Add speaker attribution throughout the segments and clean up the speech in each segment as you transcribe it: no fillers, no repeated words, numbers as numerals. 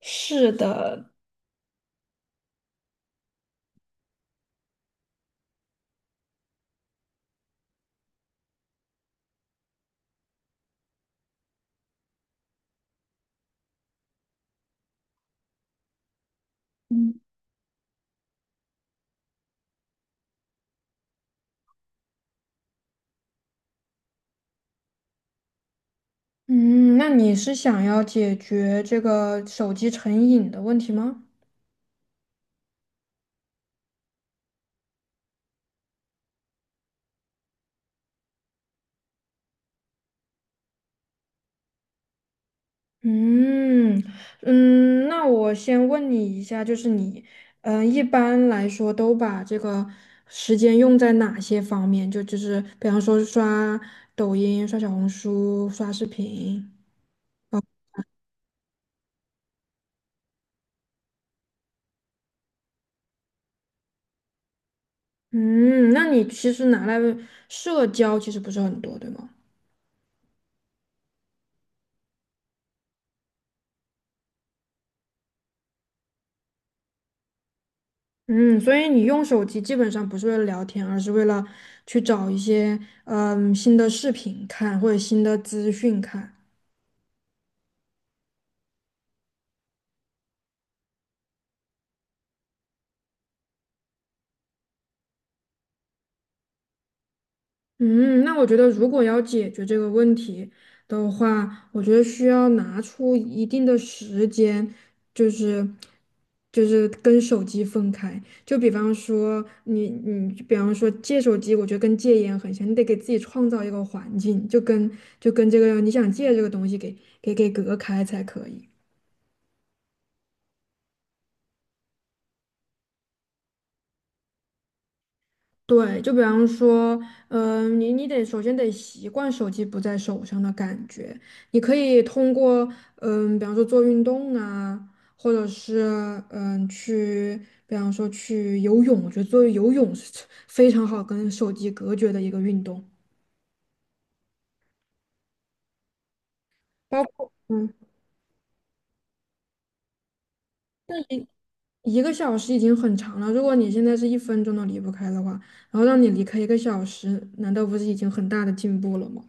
Speaker 1: 是的。嗯，嗯,那你是想要解决这个手机成瘾的问题吗？嗯那我先问你一下，就是你，嗯，一般来说都把这个时间用在哪些方面？就是比方说刷抖音、刷小红书、刷视频。嗯，那你其实拿来社交其实不是很多，对吗？嗯，所以你用手机基本上不是为了聊天，而是为了去找一些嗯新的视频看或者新的资讯看。嗯，那我觉得如果要解决这个问题的话，我觉得需要拿出一定的时间，就是就是跟手机分开。就比方说你，比方说戒手机，我觉得跟戒烟很像，你得给自己创造一个环境，就跟这个你想戒这个东西给隔开才可以。对，就比方说，嗯、你得首先得习惯手机不在手上的感觉。你可以通过，嗯、比方说做运动啊，或者是嗯、去，比方说去游泳。我觉得做游泳是 非常好跟手机隔绝的一个运动。包括嗯，一一个小时已经很长了。如果你现在是1分钟都离不开的话，然后让你离开一个小时，难道不是已经很大的进步了吗？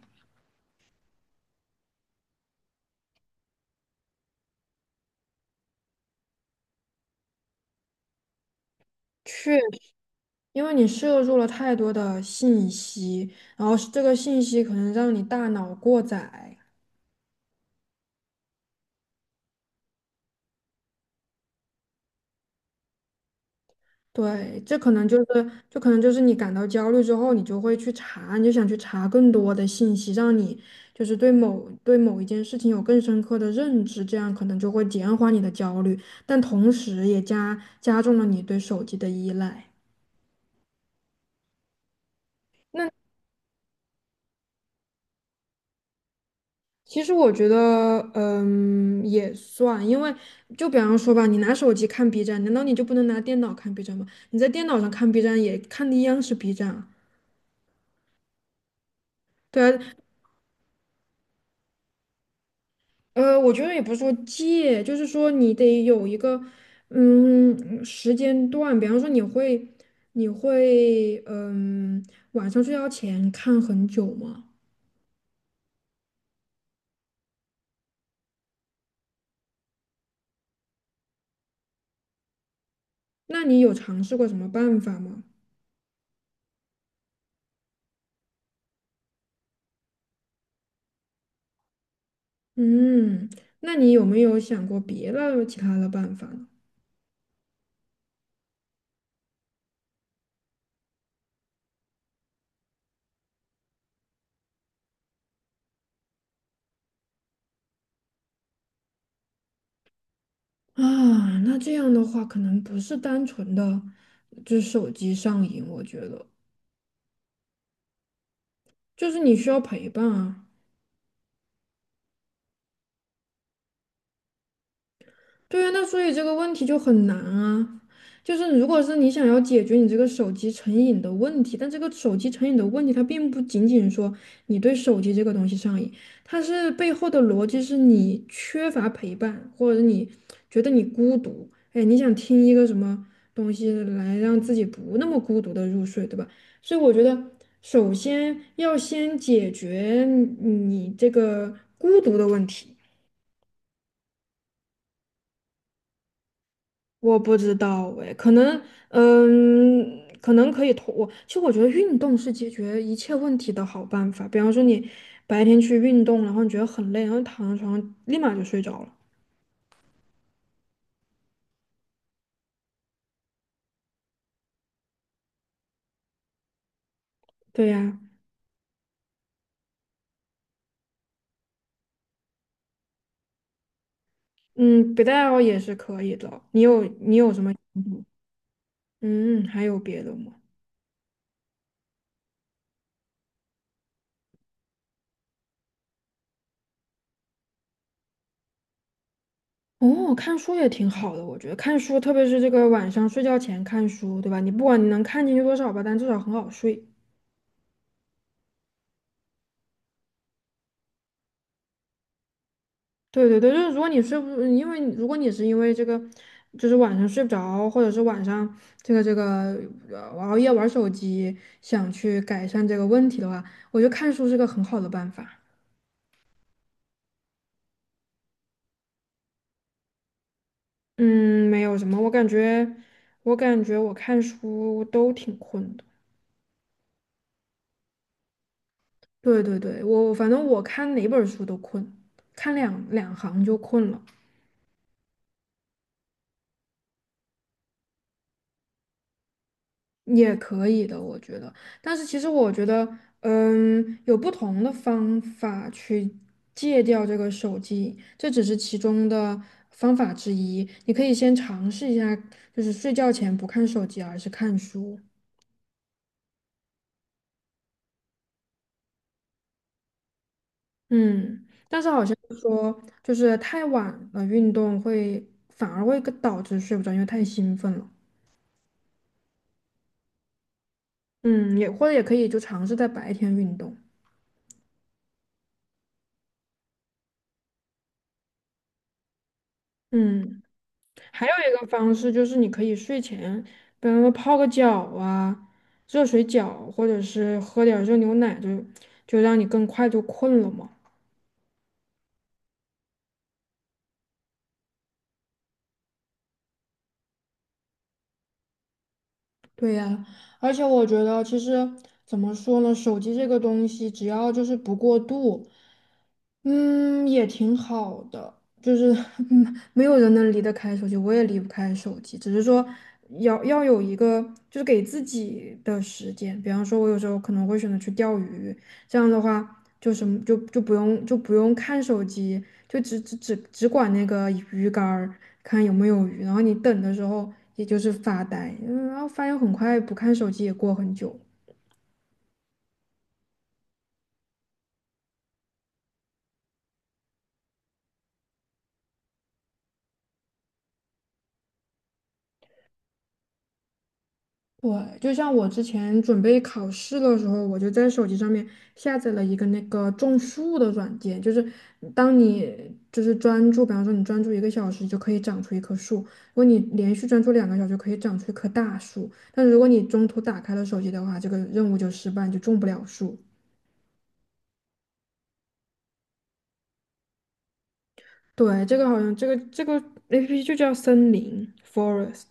Speaker 1: 确。因为你摄入了太多的信息，然后这个信息可能让你大脑过载，对，这可能就是，就可能就是你感到焦虑之后，你就会去查，你就想去查更多的信息，让你就是对某一件事情有更深刻的认知，这样可能就会减缓你的焦虑，但同时也加重了你对手机的依赖。那。其实我觉得，嗯，也算，因为就比方说吧，你拿手机看 B 站，难道你就不能拿电脑看 B 站吗？你在电脑上看 B 站也看的一样是 B 站啊，对啊，我觉得也不是说戒，就是说你得有一个，嗯，时间段，比方说你会,嗯，晚上睡觉前看很久吗？那你有尝试过什么办法吗？嗯，那你有没有想过别的其他的办法呢？啊，那这样的话，可能不是单纯的就是手机上瘾，我觉得就是你需要陪伴啊。对啊，那所以这个问题就很难啊。就是如果是你想要解决你这个手机成瘾的问题，但这个手机成瘾的问题，它并不仅仅说你对手机这个东西上瘾，它是背后的逻辑是你缺乏陪伴，或者是你觉得你孤独，哎，你想听一个什么东西来让自己不那么孤独的入睡，对吧？所以我觉得，首先要先解决你这个孤独的问题。我不知道哎，可能，嗯，可能可以通我。其实我觉得运动是解决一切问题的好办法。比方说你白天去运动，然后你觉得很累，然后躺在床上立马就睡着了。对呀，嗯，别的爱好也是可以的。你有什么？嗯，还有别的吗？哦，看书也挺好的，我觉得看书，特别是这个晚上睡觉前看书，对吧？你不管你能看进去多少吧，但至少很好睡。对对对，就是如果你睡不，因为如果你是因为这个，就是晚上睡不着，或者是晚上这个呃熬夜玩手机，想去改善这个问题的话，我觉得看书是个很好的办法。嗯，没有什么，我感觉我看书都挺困的。对对对，我反正我看哪本书都困，看两行就困了。也可以的，我觉得。但是其实我觉得，嗯，有不同的方法去戒掉这个手机，这只是其中的方法之一。你可以先尝试一下，就是睡觉前不看手机，而是看书。嗯，但是好像说，就是太晚了运动会反而会更导致睡不着，因为太兴奋了。嗯，也或者也可以就尝试在白天运动。嗯。还有一个方式就是，你可以睡前，比方说泡个脚啊，热水脚，或者是喝点儿热牛奶，就让你更快就困了嘛。对呀，而且我觉得其实怎么说呢，手机这个东西，只要就是不过度，嗯，也挺好的。就是 嗯，没有人能离得开手机，我也离不开手机，只是说要有一个就是给自己的时间。比方说，我有时候可能会选择去钓鱼，这样的话。就什么就不用看手机，就只管那个鱼竿儿看有没有鱼，然后你等的时候也就是发呆，嗯然后发现很快不看手机也过很久。对，就像我之前准备考试的时候，我就在手机上面下载了一个那个种树的软件，就是当你就是专注，比方说你专注一个小时，就可以长出一棵树；如果你连续专注2个小时，就可以长出一棵大树。但如果你中途打开了手机的话，这个任务就失败，你就种不了树。对，这个好像这个 APP 就叫森林 （(Forest)。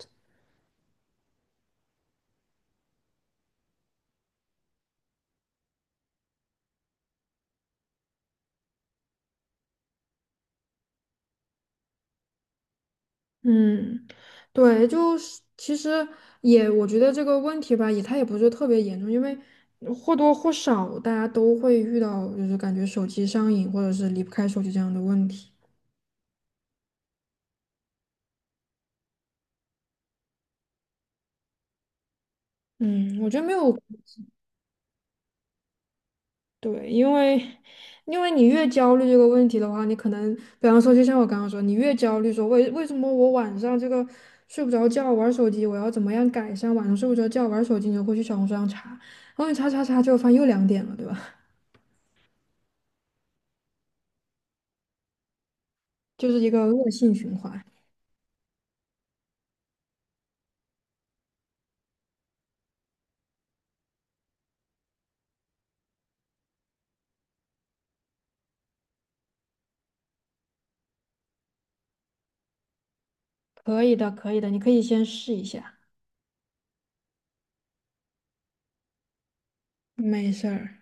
Speaker 1: 嗯，对，就是其实也，我觉得这个问题吧，也它也不是特别严重，因为或多或少大家都会遇到，就是感觉手机上瘾或者是离不开手机这样的问题。嗯，我觉得没有，对，因为你越焦虑这个问题的话，你可能，比方说，就像我刚刚说，你越焦虑说为什么我晚上这个睡不着觉玩手机，我要怎么样改善晚上睡不着觉玩手机，你就会去小红书上查，然后你查，结果发现又2点了，对吧？就是一个恶性循环。可以的，可以的，你可以先试一下，没事儿。